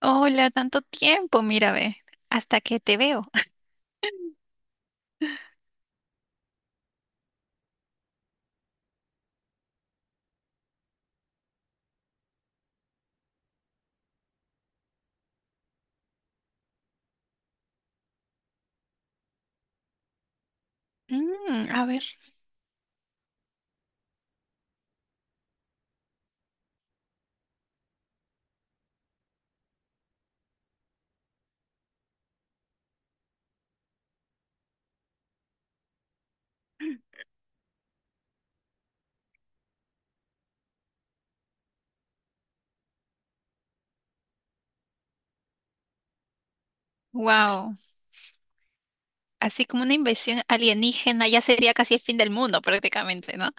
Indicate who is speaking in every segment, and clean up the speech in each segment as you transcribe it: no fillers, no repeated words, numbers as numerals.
Speaker 1: Hola, tanto tiempo, mira, ve, hasta que te veo. Mm, a ver, wow, así como una invasión alienígena ya sería casi el fin del mundo prácticamente, ¿no?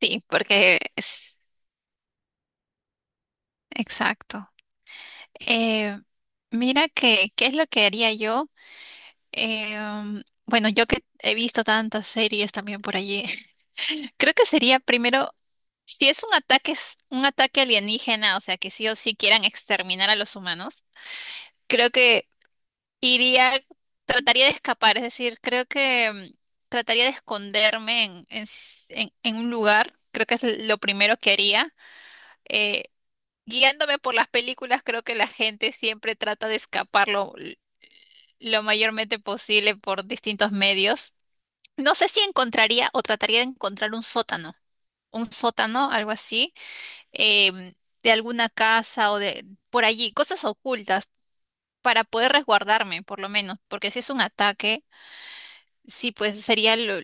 Speaker 1: Sí, porque es exacto. Eh, mira que, ¿qué es lo que haría yo? Bueno, yo que he visto tantas series también por allí, creo que sería primero, si es un ataque, es un ataque alienígena, o sea, que sí o sí quieran exterminar a los humanos. Creo que iría, trataría de escapar, es decir, creo que trataría de esconderme en un lugar, creo que es lo primero que haría. Eh, guiándome por las películas, creo que la gente siempre trata de escapar lo mayormente posible por distintos medios. No sé si encontraría o trataría de encontrar un sótano, algo así, em, de alguna casa o de por allí, cosas ocultas para poder resguardarme, por lo menos, porque si es un ataque. Sí, pues sería lo,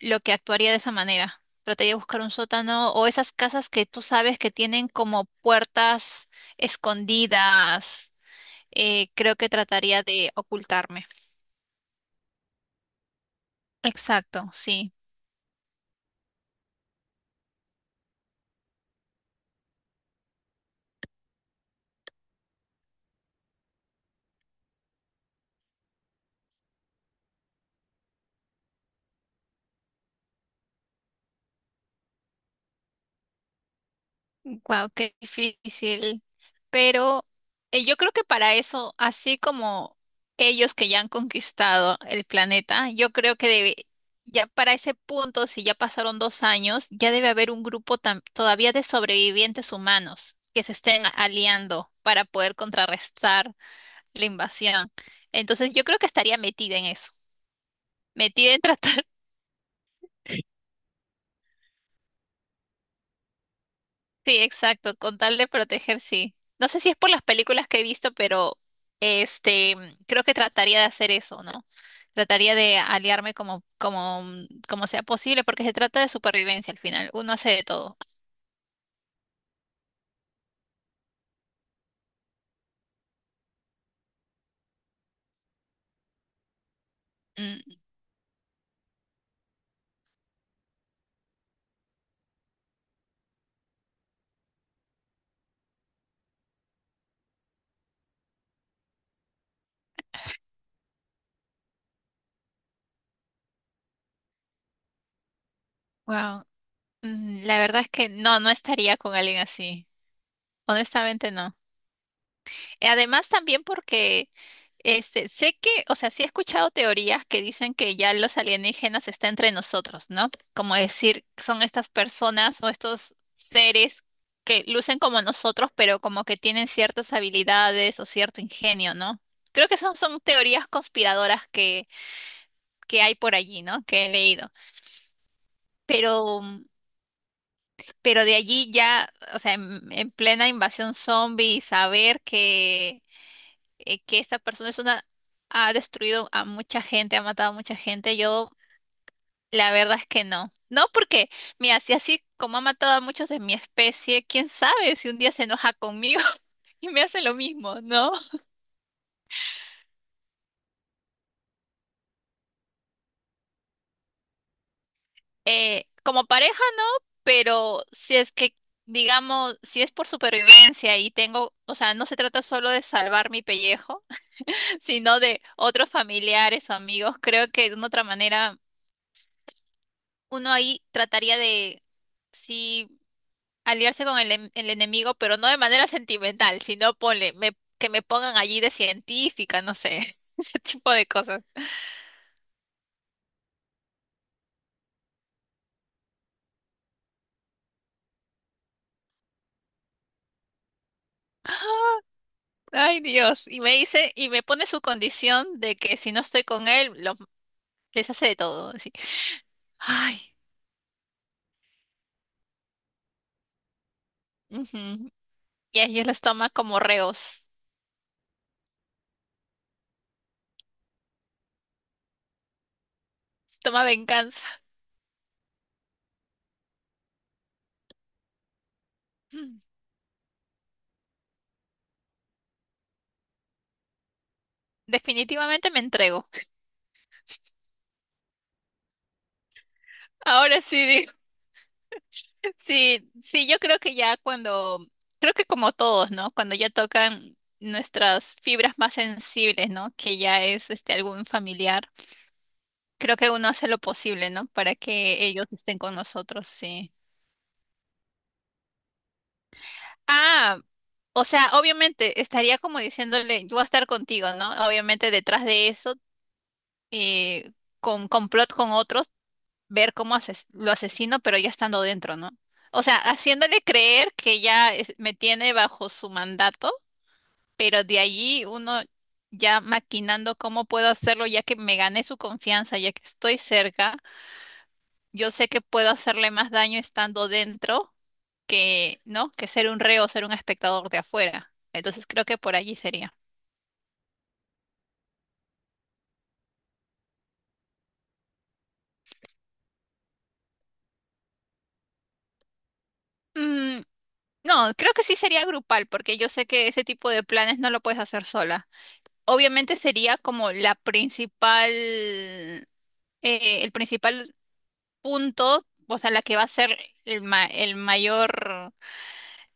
Speaker 1: lo que actuaría de esa manera. Trataría de buscar un sótano o esas casas que tú sabes que tienen como puertas escondidas. Creo que trataría de ocultarme. Exacto, sí. Wow, qué difícil. Pero yo creo que para eso, así como ellos que ya han conquistado el planeta, yo creo que debe, ya para ese punto, si ya pasaron 2 años, ya debe haber un grupo todavía de sobrevivientes humanos que se estén aliando para poder contrarrestar la invasión. Entonces yo creo que estaría metida en eso, metida en Sí, exacto, con tal de proteger, sí. No sé si es por las películas que he visto, pero este, creo que trataría de hacer eso, ¿no? Trataría de aliarme como sea posible, porque se trata de supervivencia al final. Uno hace de todo. Mm, wow. Mm, la verdad es que no, no estaría con alguien así. Honestamente, no. Además, también porque sé que, o sea, sí he escuchado teorías que dicen que ya los alienígenas están entre nosotros, ¿no? Como decir, son estas personas o estos seres que lucen como nosotros, pero como que tienen ciertas habilidades o cierto ingenio, ¿no? Creo que esas son teorías conspiradoras que hay por allí, ¿no? Que he leído. Pero, pero, de allí ya, o sea, en plena invasión zombie, saber que esta persona es una, ha destruido a mucha gente, ha matado a mucha gente, yo la verdad es que no. No, porque, mira, si así como ha matado a muchos de mi especie, quién sabe si un día se enoja conmigo y me hace lo mismo, ¿no? Como pareja, no, pero si es que, digamos, si es por supervivencia y tengo, o sea, no se trata solo de salvar mi pellejo, sino de otros familiares o amigos, creo que de una otra manera uno ahí trataría de, si aliarse con el enemigo, pero no de manera sentimental, sino ponle, que me pongan allí de científica, no sé, ese tipo de cosas. Ay, Dios. Y me dice, y me pone su condición de que si no estoy con él, les hace de todo, así. Ay. Ujú. Y ellos los toma como reos. Toma venganza. Mm. Definitivamente me entrego. Ahora sí. Sí, sí, yo creo que ya cuando, creo que como todos, ¿no? Cuando ya tocan nuestras fibras más sensibles, ¿no? Que ya es algún familiar, creo que uno hace lo posible, ¿no? Para que ellos estén con nosotros, sí. Ah, o sea, obviamente estaría como diciéndole, yo voy a estar contigo, ¿no? Obviamente detrás de eso, eh, con complot con otros, ver cómo lo asesino, pero ya estando dentro, ¿no? O sea, haciéndole creer que ya me tiene bajo su mandato, pero de allí uno ya maquinando cómo puedo hacerlo, ya que me gané su confianza, ya que estoy cerca, yo sé que puedo hacerle más daño estando dentro que, ¿no? Que ser un reo, ser un espectador de afuera. Entonces creo que por allí sería. Mm, no, creo que sí sería grupal, porque yo sé que ese tipo de planes no lo puedes hacer sola. Obviamente sería como la principal, el principal punto, o sea, la que va a ser el ma- el mayor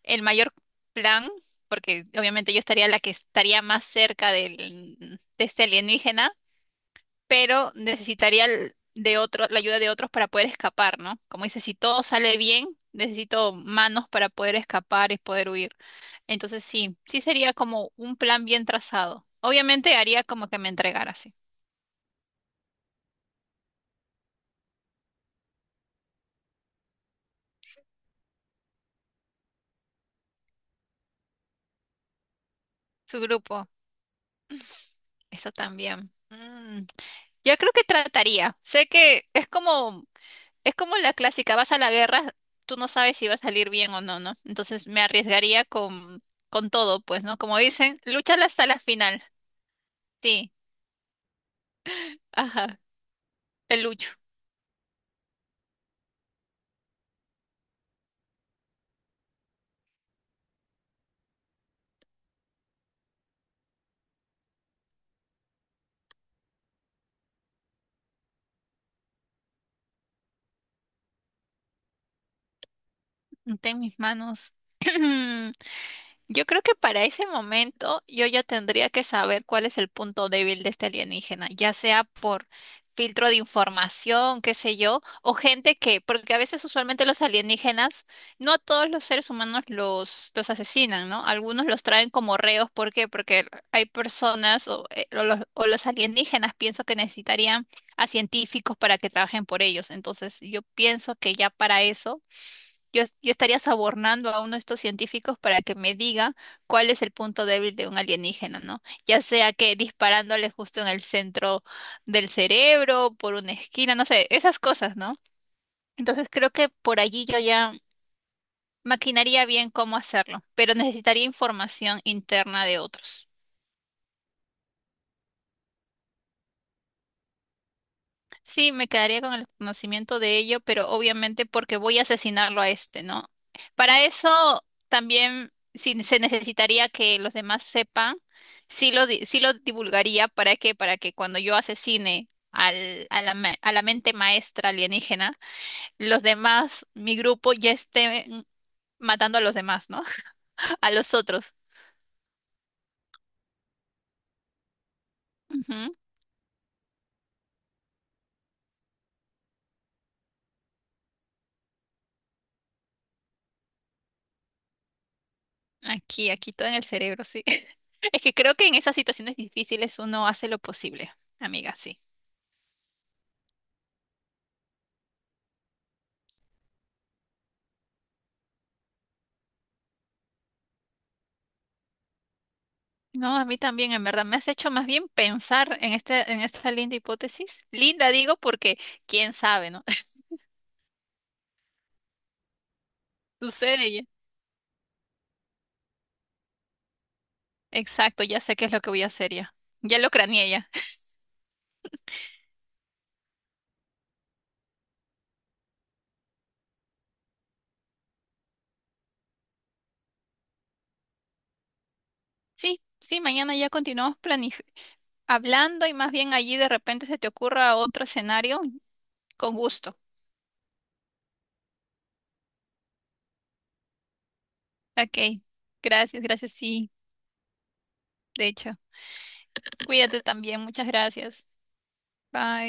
Speaker 1: el mayor plan, porque obviamente yo estaría la que estaría más cerca del, de este alienígena, pero necesitaría de otro, la ayuda de otros para poder escapar, ¿no? Como dice, si todo sale bien, necesito manos para poder escapar y poder huir. Entonces sí, sí sería como un plan bien trazado. Obviamente haría como que me entregara, sí. Su grupo, eso también. Mm. Yo creo que trataría. Sé que es como la clásica, vas a la guerra, tú no sabes si va a salir bien o no, ¿no? Entonces me arriesgaría con todo, pues, ¿no? Como dicen, lúchala hasta la final. Sí, ajá, te lucho. Ten mis manos. Yo creo que para ese momento yo ya tendría que saber cuál es el punto débil de este alienígena, ya sea por filtro de información, qué sé yo, o gente que, porque a veces usualmente los alienígenas, no a todos los seres humanos los asesinan, ¿no? Algunos los traen como reos, ¿por qué? Porque hay personas o los alienígenas pienso que necesitarían a científicos para que trabajen por ellos. Entonces yo pienso que ya para eso yo estaría sobornando a uno de estos científicos para que me diga cuál es el punto débil de un alienígena, ¿no? Ya sea que disparándole justo en el centro del cerebro, por una esquina, no sé, esas cosas, ¿no? Entonces creo que por allí yo ya maquinaría bien cómo hacerlo, pero necesitaría información interna de otros. Sí, me quedaría con el conocimiento de ello, pero obviamente porque voy a asesinarlo a este, ¿no? Para eso también si se necesitaría que los demás sepan, sí lo divulgaría para que, cuando yo asesine al, a la, ma- a la mente maestra alienígena, los demás, mi grupo ya estén matando a los demás, ¿no? A los otros. Ujú. Aquí, aquí todo en el cerebro, sí. Es que creo que en esas situaciones difíciles uno hace lo posible, amiga, sí. No, a mí también, en verdad, me has hecho más bien pensar en en esta linda hipótesis. Linda digo porque quién sabe, ¿no? Sucede ya. Exacto, ya sé qué es lo que voy a hacer ya. Ya lo craneé ya. Sí, sí, mañana ya continuamos planif hablando y más bien allí de repente se te ocurra otro escenario, con gusto. Ok, gracias, gracias, sí, de hecho. Cuídate también, muchas gracias. Bye.